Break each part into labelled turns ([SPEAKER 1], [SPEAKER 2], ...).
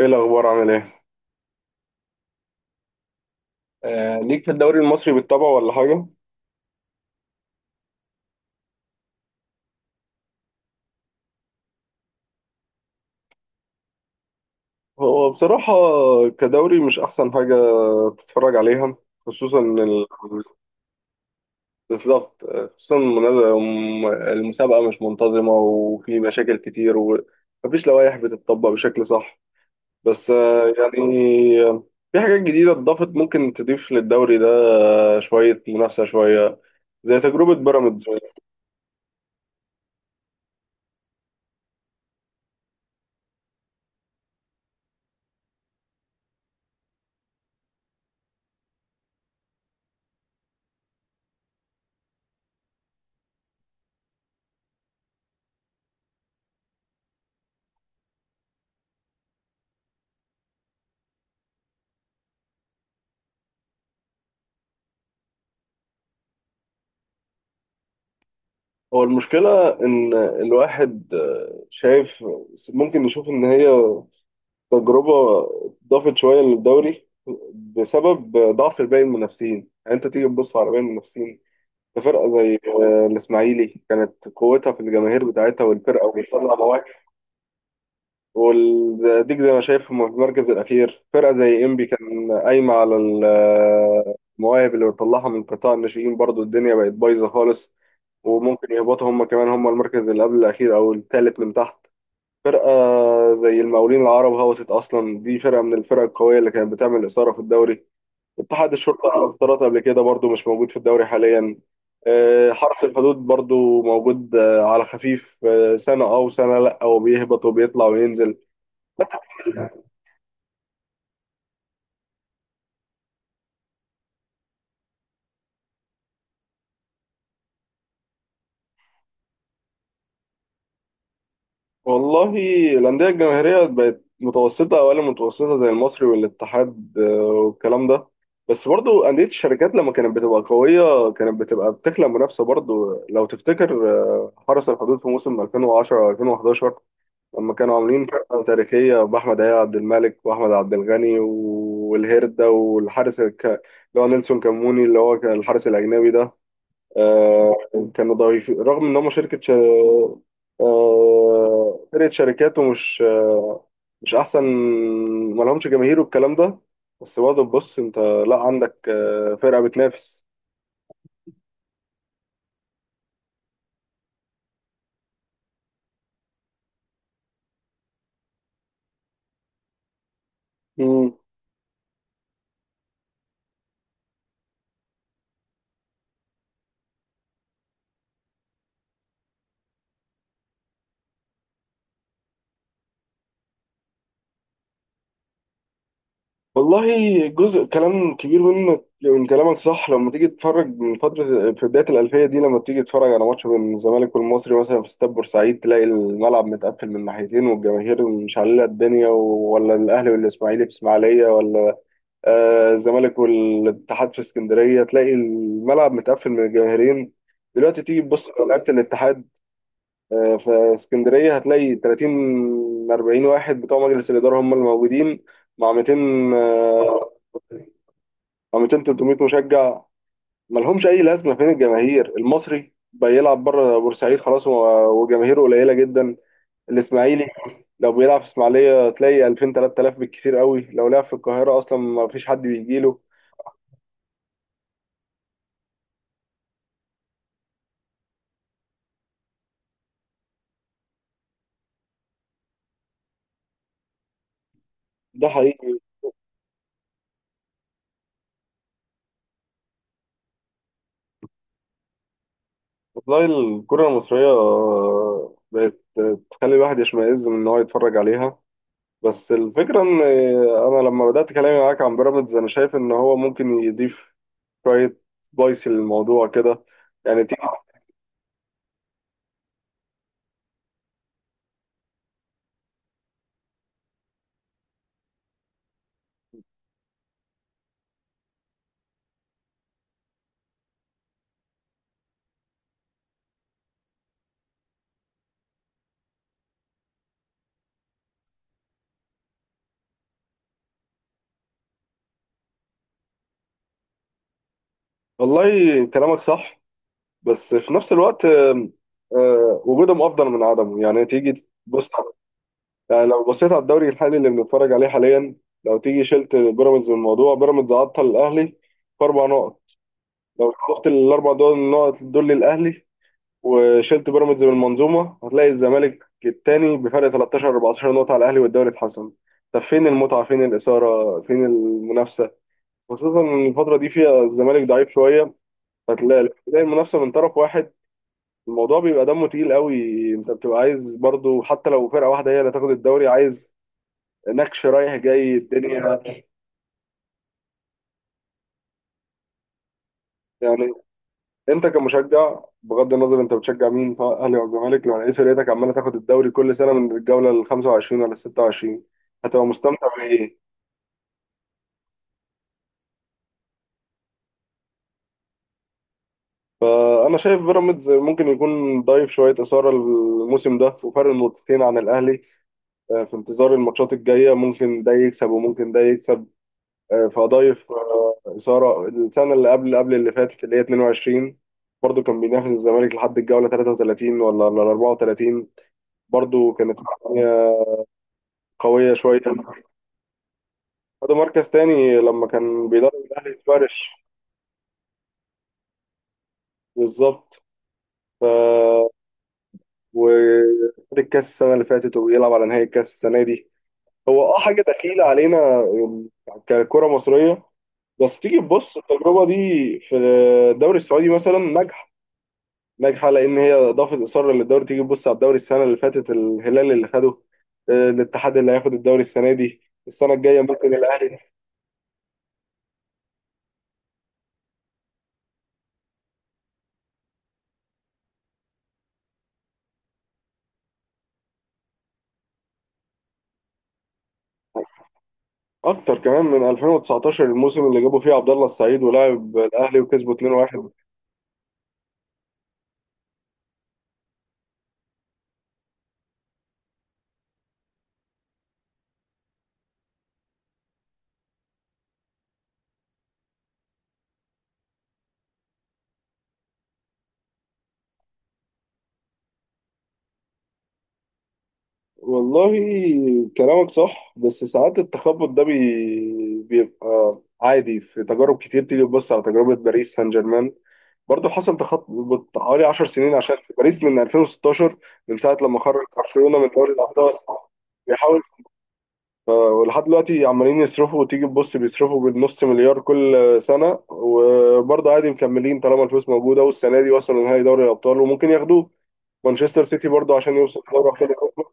[SPEAKER 1] ايه الاخبار عامل ايه؟ ليك في الدوري المصري بالطبع ولا حاجه؟ هو بصراحه كدوري مش احسن حاجه تتفرج عليها، خصوصا ال... بالظبط. خصوصا المسابقه مش منتظمه وفي مشاكل كتير ومفيش لوائح بتطبق بشكل صح. بس في حاجات جديده اتضافت ممكن تضيف للدوري ده. شويه منافسه شويه زي تجربه بيراميدز. هو المشكلة إن الواحد شايف ممكن نشوف إن هي تجربة ضافت شوية للدوري بسبب ضعف باقي المنافسين، يعني أنت تيجي تبص على باقي المنافسين. ده فرقة زي الإسماعيلي كانت قوتها في الجماهير بتاعتها والفرقة وبتطلع مواهب. والزقازيق زي ما شايف في المركز الأخير، فرقة زي إنبي كان قايمة على المواهب اللي بتطلعها من قطاع الناشئين، برضو الدنيا بقت بايظة خالص. وممكن يهبطوا هم كمان، هم المركز اللي قبل الأخير أو الثالث من تحت. فرقة زي المقاولين العرب هبطت أصلا، دي فرقة من الفرق القوية اللي كانت بتعمل إثارة في الدوري. اتحاد الشرطة افترضت قبل كده برضو مش موجود في الدوري حاليا. حرس الحدود برضو موجود، على خفيف، سنة أو سنة لأ، وبيهبط وبيطلع وينزل. والله، الأندية الجماهيرية بقت متوسطة أو أقل من متوسطة، زي المصري والاتحاد، والكلام ده. بس برضو أندية الشركات لما كانت بتبقى قوية كانت بتبقى بتخلق منافسة، برضو لو تفتكر حرس الحدود في موسم 2010 2011 لما كانوا عاملين فرقة تاريخية بأحمد عياء عبد الملك وأحمد عبد الغني والهيردا والحارس اللي هو نيلسون كاموني، اللي هو كان الحارس الأجنبي ده. آه، كانوا ضعيفين رغم ان هم شركه ش... آه، فرقه شركات، ومش آه، مش احسن، ما لهمش جماهير والكلام ده. بس برضه بص انت، لا عندك فرقه بتنافس. مم. والله، جزء كلام كبير منك من كلامك صح. لما تيجي تتفرج من فترة في بداية الألفية دي، لما تيجي تتفرج على ماتش بين الزمالك والمصري مثلا في استاد بورسعيد تلاقي الملعب متقفل من ناحيتين والجماهير مش على الدنيا، ولا الأهلي والإسماعيلي في إسماعيلية، ولا الزمالك والاتحاد في اسكندريه تلاقي الملعب متقفل من الجماهيرين. دلوقتي تيجي تبص على لعيبه الاتحاد، في اسكندريه هتلاقي 30 40 واحد بتوع مجلس الاداره هم اللي موجودين مع 200، آه، مع 200 300 مشجع، ملهمش اي لازمه. فين الجماهير؟ المصري بيلعب بره بورسعيد خلاص، وجماهيره قليله جدا. الاسماعيلي لو بيلعب في اسماعيليه تلاقي 2000 3000 بالكثير قوي، لو لعب في القاهره اصلا ما فيش حد بيجيله. ده حقيقي. والله، الكرة المصرية بقت تخلي الواحد يشمئز من إن هو يتفرج عليها. بس الفكرة إن أنا لما بدأت كلامي معاك عن بيراميدز، أنا شايف إن هو ممكن يضيف شوية سبايسي للموضوع كده. يعني تيجي. والله كلامك صح، بس في نفس الوقت وجودهم أفضل من عدمه، يعني تيجي تبص على- يعني لو بصيت على الدوري الحالي اللي بنتفرج عليه حاليا، لو تيجي شلت بيراميدز من الموضوع، بيراميدز عطل الأهلي في أربع نقط. لو شلت الاربع دول النقط دول للاهلي وشلت بيراميدز من المنظومه، هتلاقي الزمالك التاني بفرق 13 14 نقطه على الاهلي والدوري اتحسم. طب فين المتعه، فين الاثاره، فين المنافسه؟ خصوصا ان الفتره دي فيها الزمالك ضعيف شويه، فتلاقي المنافسه من طرف واحد. الموضوع بيبقى دمه تقيل قوي. انت بتبقى عايز برضو، حتى لو فرقه واحده هي اللي تاخد الدوري، عايز نكش رايح جاي الدنيا. يعني انت كمشجع، بغض النظر انت بتشجع مين، سواء اهلي او الزمالك، لو لقيت فرقتك عماله تاخد الدوري كل سنه من الجوله ال 25 ولا ال 26، هتبقى مستمتع بايه؟ فانا شايف بيراميدز ممكن يكون ضايف شويه اثاره الموسم ده وفرق نقطتين عن الاهلي، في انتظار الماتشات الجايه ممكن ده يكسب وممكن ده يكسب. فضايف اثاره. السنه اللي قبل قبل اللي فاتت اللي هي 22، برضه كان بينافس الزمالك لحد الجوله 33 ولا 34. برضه كانت قويه شويه. خدوا مركز تاني لما كان بيدرب الاهلي في ورش. بالظبط. ف وخد الكاس السنه اللي فاتت، وبيلعب على نهائي الكاس السنه دي. هو حاجه دخيله علينا ككره مصريه، بس تيجي تبص التجربه دي في الدوري السعودي مثلا ناجحه. ناجحه لان هي اضافت اصرار للدوري. تيجي تبص على الدوري السنه اللي فاتت الهلال اللي خده، الاتحاد اللي هياخد الدوري السنه دي، السنه الجايه ممكن الاهلي. اكتر كمان من 2019، الموسم اللي جابوا فيه عبد الله السعيد، ولعب الاهلي وكسبوا 2-1. والله كلامك صح، بس ساعات التخبط ده بيبقى عادي في تجارب كتير. تيجي تبص على تجربة باريس سان جيرمان، برضه حصل تخبط حوالي 10 سنين عشان في باريس من 2016، من ساعة لما خرج برشلونة من دوري الأبطال. بيحاول ولحد دلوقتي عمالين يصرفوا، وتيجي تبص بيصرفوا بالنص مليار كل سنة، وبرضه عادي مكملين طالما الفلوس موجودة، والسنة دي وصلوا نهائي دوري الأبطال وممكن ياخدوه. مانشستر سيتي برضه عشان يوصل دوري أبطال أوروبا.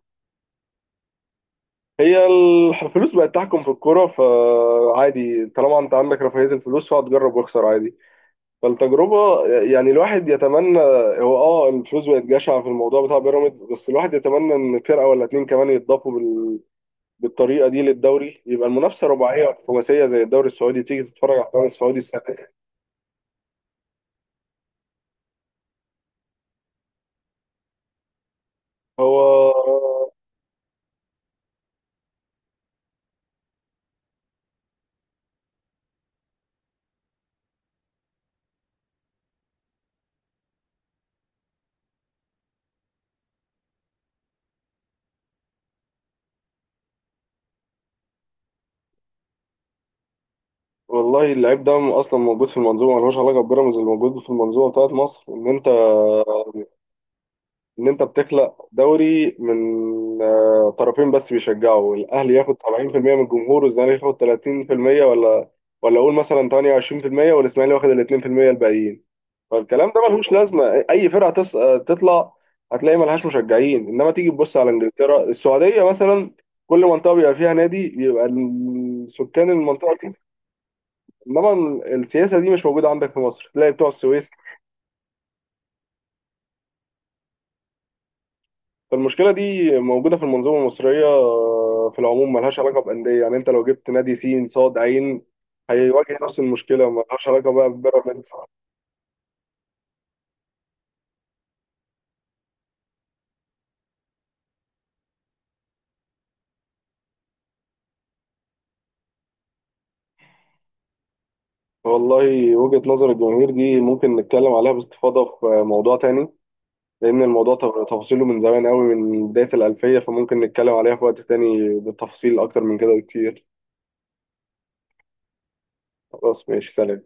[SPEAKER 1] هي الفلوس بقت تحكم في الكورة، فعادي طالما أنت عندك رفاهية الفلوس، فهتجرب واخسر عادي. فالتجربة يعني الواحد يتمنى. هو الفلوس بقت جشعة في الموضوع بتاع بيراميدز، بس الواحد يتمنى إن فرقة ولا اتنين كمان يتضافوا بالطريقه دي للدوري، يبقى المنافسه رباعيه ولا خماسيه زي الدوري السعودي. تيجي تتفرج على الدوري السعودي السنه دي. هو. والله اللعيب ده اصلا موجود في المنظومه، ملوش علاقه ببيراميدز. اللي موجود في المنظومه بتاعت مصر، ان انت بتخلق دوري من طرفين بس بيشجعوا، الاهلي ياخد 70% من الجمهور والزمالك ياخد 30%، ولا اقول مثلا 28%، والاسماعيلي واخد ال 2% الباقيين. فالكلام ده ملهوش لازمه. اي فرقه تطلع هتلاقي ملهاش مشجعين. انما تيجي تبص على انجلترا، السعوديه مثلا، كل منطقه بيبقى فيها نادي بيبقى سكان المنطقه دي. انما السياسه دي مش موجوده عندك في مصر. تلاقي بتوع السويس. فالمشكله دي موجوده في المنظومه المصريه في العموم، ملهاش علاقه بانديه. يعني انت لو جبت نادي سين صاد عين، هيواجه نفس المشكله، ملهاش علاقه بقى ببيراميدز. والله وجهه نظر الجماهير دي ممكن نتكلم عليها باستفاضه في موضوع تاني، لأن الموضوع تفاصيله من زمان قوي من بداية الألفية، فممكن نتكلم عليها في وقت تاني بالتفاصيل أكتر من كده بكتير. خلاص ماشي، سلام.